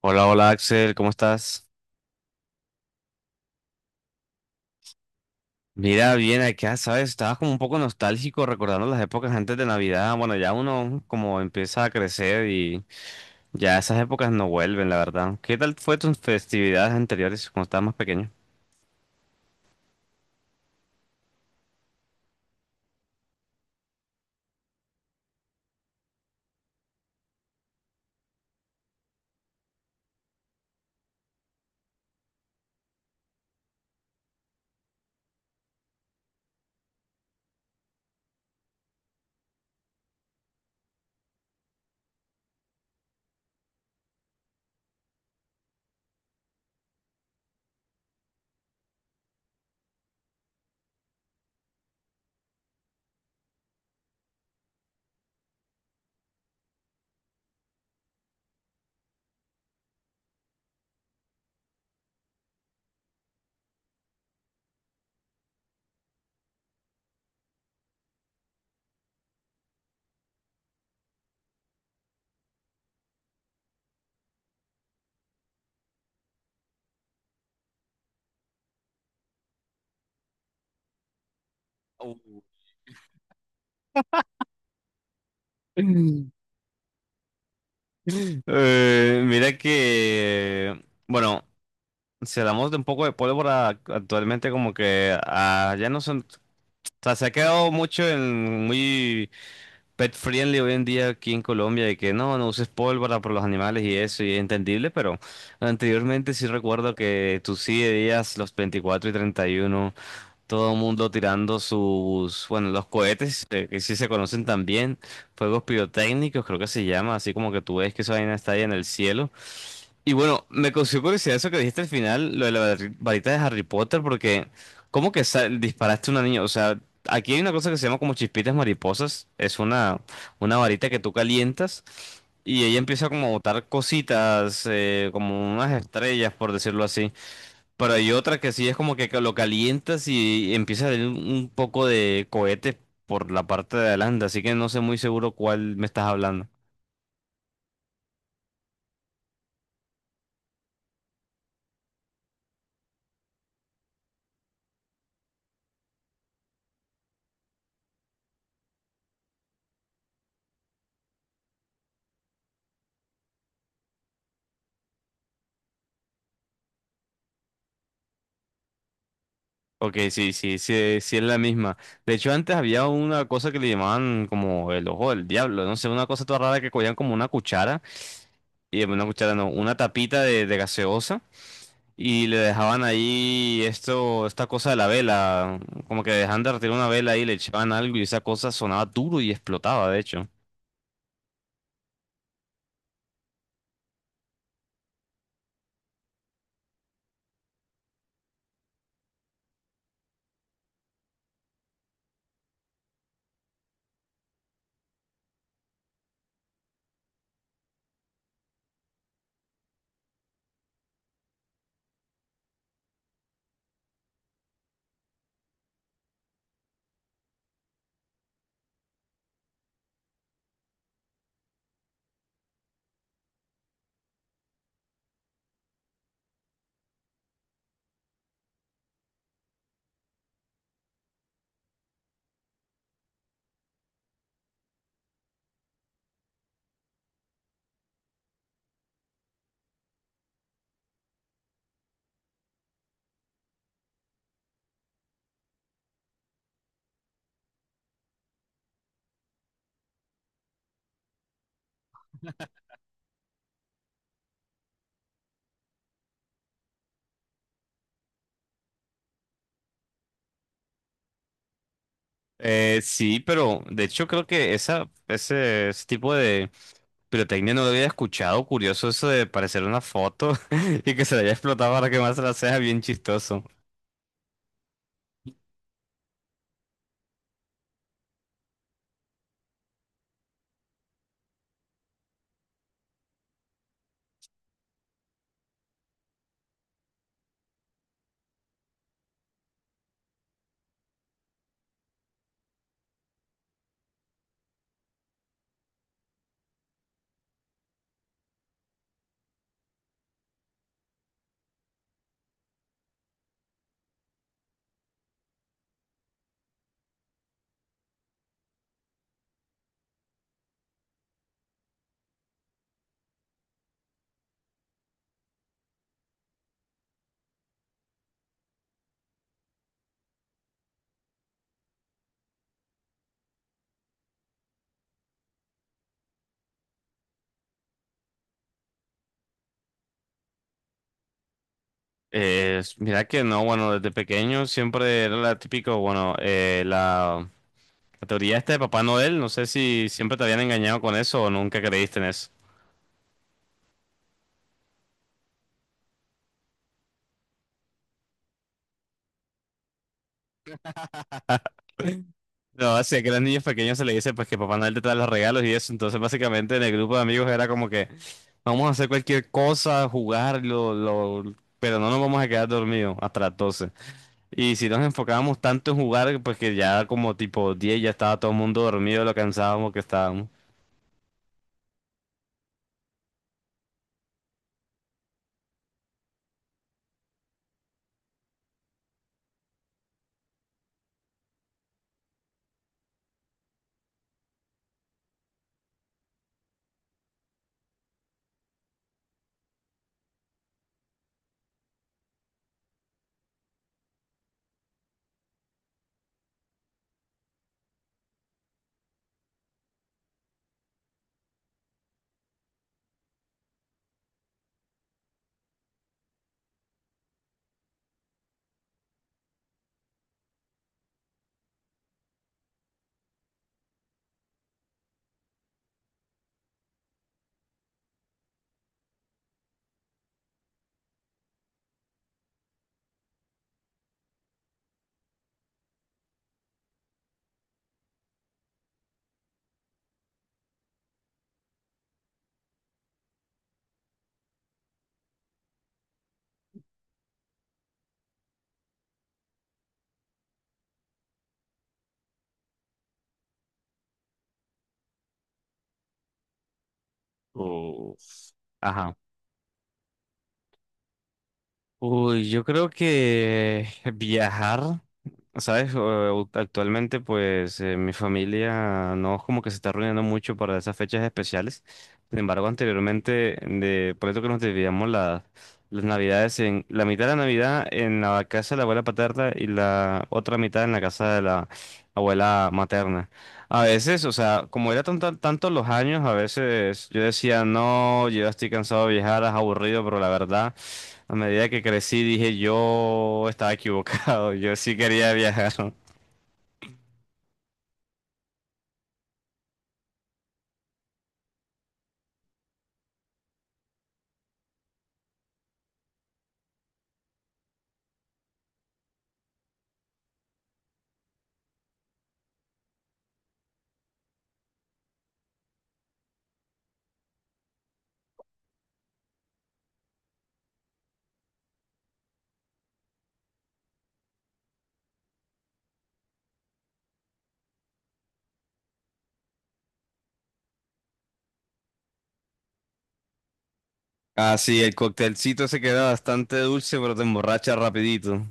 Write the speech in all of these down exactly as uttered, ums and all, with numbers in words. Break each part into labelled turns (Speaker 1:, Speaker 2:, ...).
Speaker 1: Hola, hola Axel, ¿cómo estás? Mira, bien acá, ¿sabes? Estaba como un poco nostálgico recordando las épocas antes de Navidad. Bueno, ya uno como empieza a crecer y ya esas épocas no vuelven, la verdad. ¿Qué tal fue tus festividades anteriores cuando estabas más pequeño? Uh. Mm. Eh, mira que, bueno, si hablamos de un poco de pólvora, actualmente como que ah, ya no son sea, se ha quedado mucho en muy pet friendly hoy en día aquí en Colombia, de que no, no uses pólvora por los animales y eso, y es entendible, pero anteriormente sí recuerdo que tú sí veías los veinticuatro y treinta y uno, todo el mundo tirando sus, bueno, los cohetes, eh, que sí se conocen también, fuegos pirotécnicos, creo que se llama, así como que tú ves que esa vaina está ahí en el cielo, y bueno, me causó curiosidad eso que dijiste al final, lo de la vari- varita de Harry Potter, porque ¿cómo que sa- disparaste a una niña? O sea, aquí hay una cosa que se llama como chispitas mariposas, es una, una varita que tú calientas y ella empieza como a botar cositas, eh, como unas estrellas, por decirlo así. Pero hay otra que sí es como que lo calientas y empieza a salir un un poco de cohete por la parte de adelante, así que no sé muy seguro cuál me estás hablando. Ok, sí, sí, sí, sí es la misma. De hecho, antes había una cosa que le llamaban como el ojo del diablo, no sé, una cosa toda rara que cogían como una cuchara, y eh, una cuchara no, una tapita de, de gaseosa, y le dejaban ahí esto, esta cosa de la vela, como que dejaban de retirar una vela ahí, le echaban algo y esa cosa sonaba duro y explotaba, de hecho. Eh, sí, pero de hecho creo que esa, ese, ese tipo de pirotecnia no lo había escuchado. Curioso eso de parecer una foto y que se le haya explotado para que más la sea bien chistoso. Eh, mira que no, bueno, desde pequeño siempre era la típico, bueno, eh, la, la teoría esta de Papá Noel, no sé si siempre te habían engañado con eso o nunca creíste en eso. No, así que a los niños pequeños se le dice pues que Papá Noel te trae los regalos y eso, entonces básicamente en el grupo de amigos era como que vamos a hacer cualquier cosa, jugarlo lo- pero no nos vamos a quedar dormidos hasta las doce. Y si nos enfocábamos tanto en jugar, pues que ya como tipo diez ya estaba todo el mundo dormido, de lo cansábamos que estábamos. Uf. Ajá. Uy, yo creo que viajar. Sabes, O- actualmente pues eh, mi familia no es como que se está reuniendo mucho para esas fechas especiales. Sin embargo, anteriormente, de, por eso que nos dividíamos la- las navidades en la mitad de la Navidad en la casa de la abuela paterna y la otra mitad en la casa de la abuela materna. A veces, o sea, como era tanto, tantos los años, a veces yo decía, no, yo ya estoy cansado de viajar, es aburrido, pero la verdad... A medida que crecí dije yo estaba equivocado, yo sí quería viajar. Ah, sí, el coctelcito se queda bastante dulce, pero te emborracha rapidito.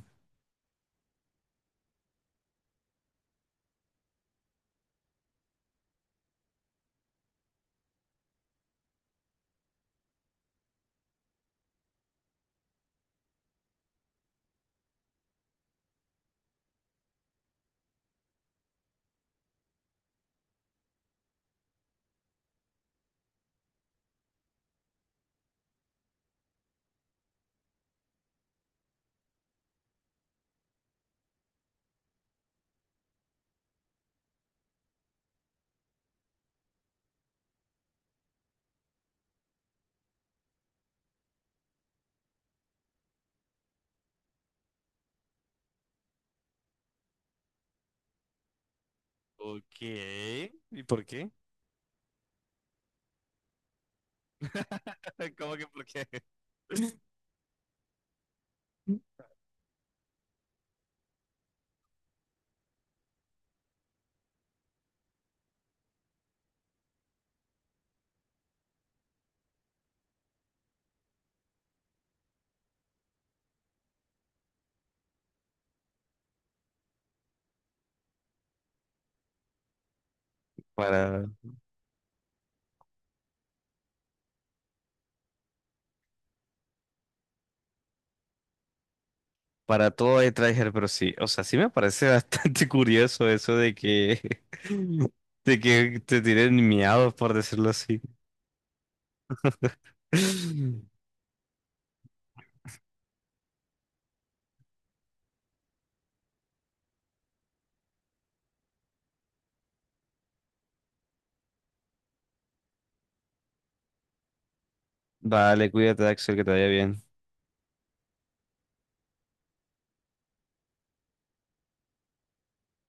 Speaker 1: Ok. ¿Y por qué? ¿Cómo que por qué? Para, para todo hay Traeger, pero sí, o sea, sí me parece bastante curioso eso de que, de que te tiren miados, por decirlo así. Vale, cuídate, Axel, que te vaya bien.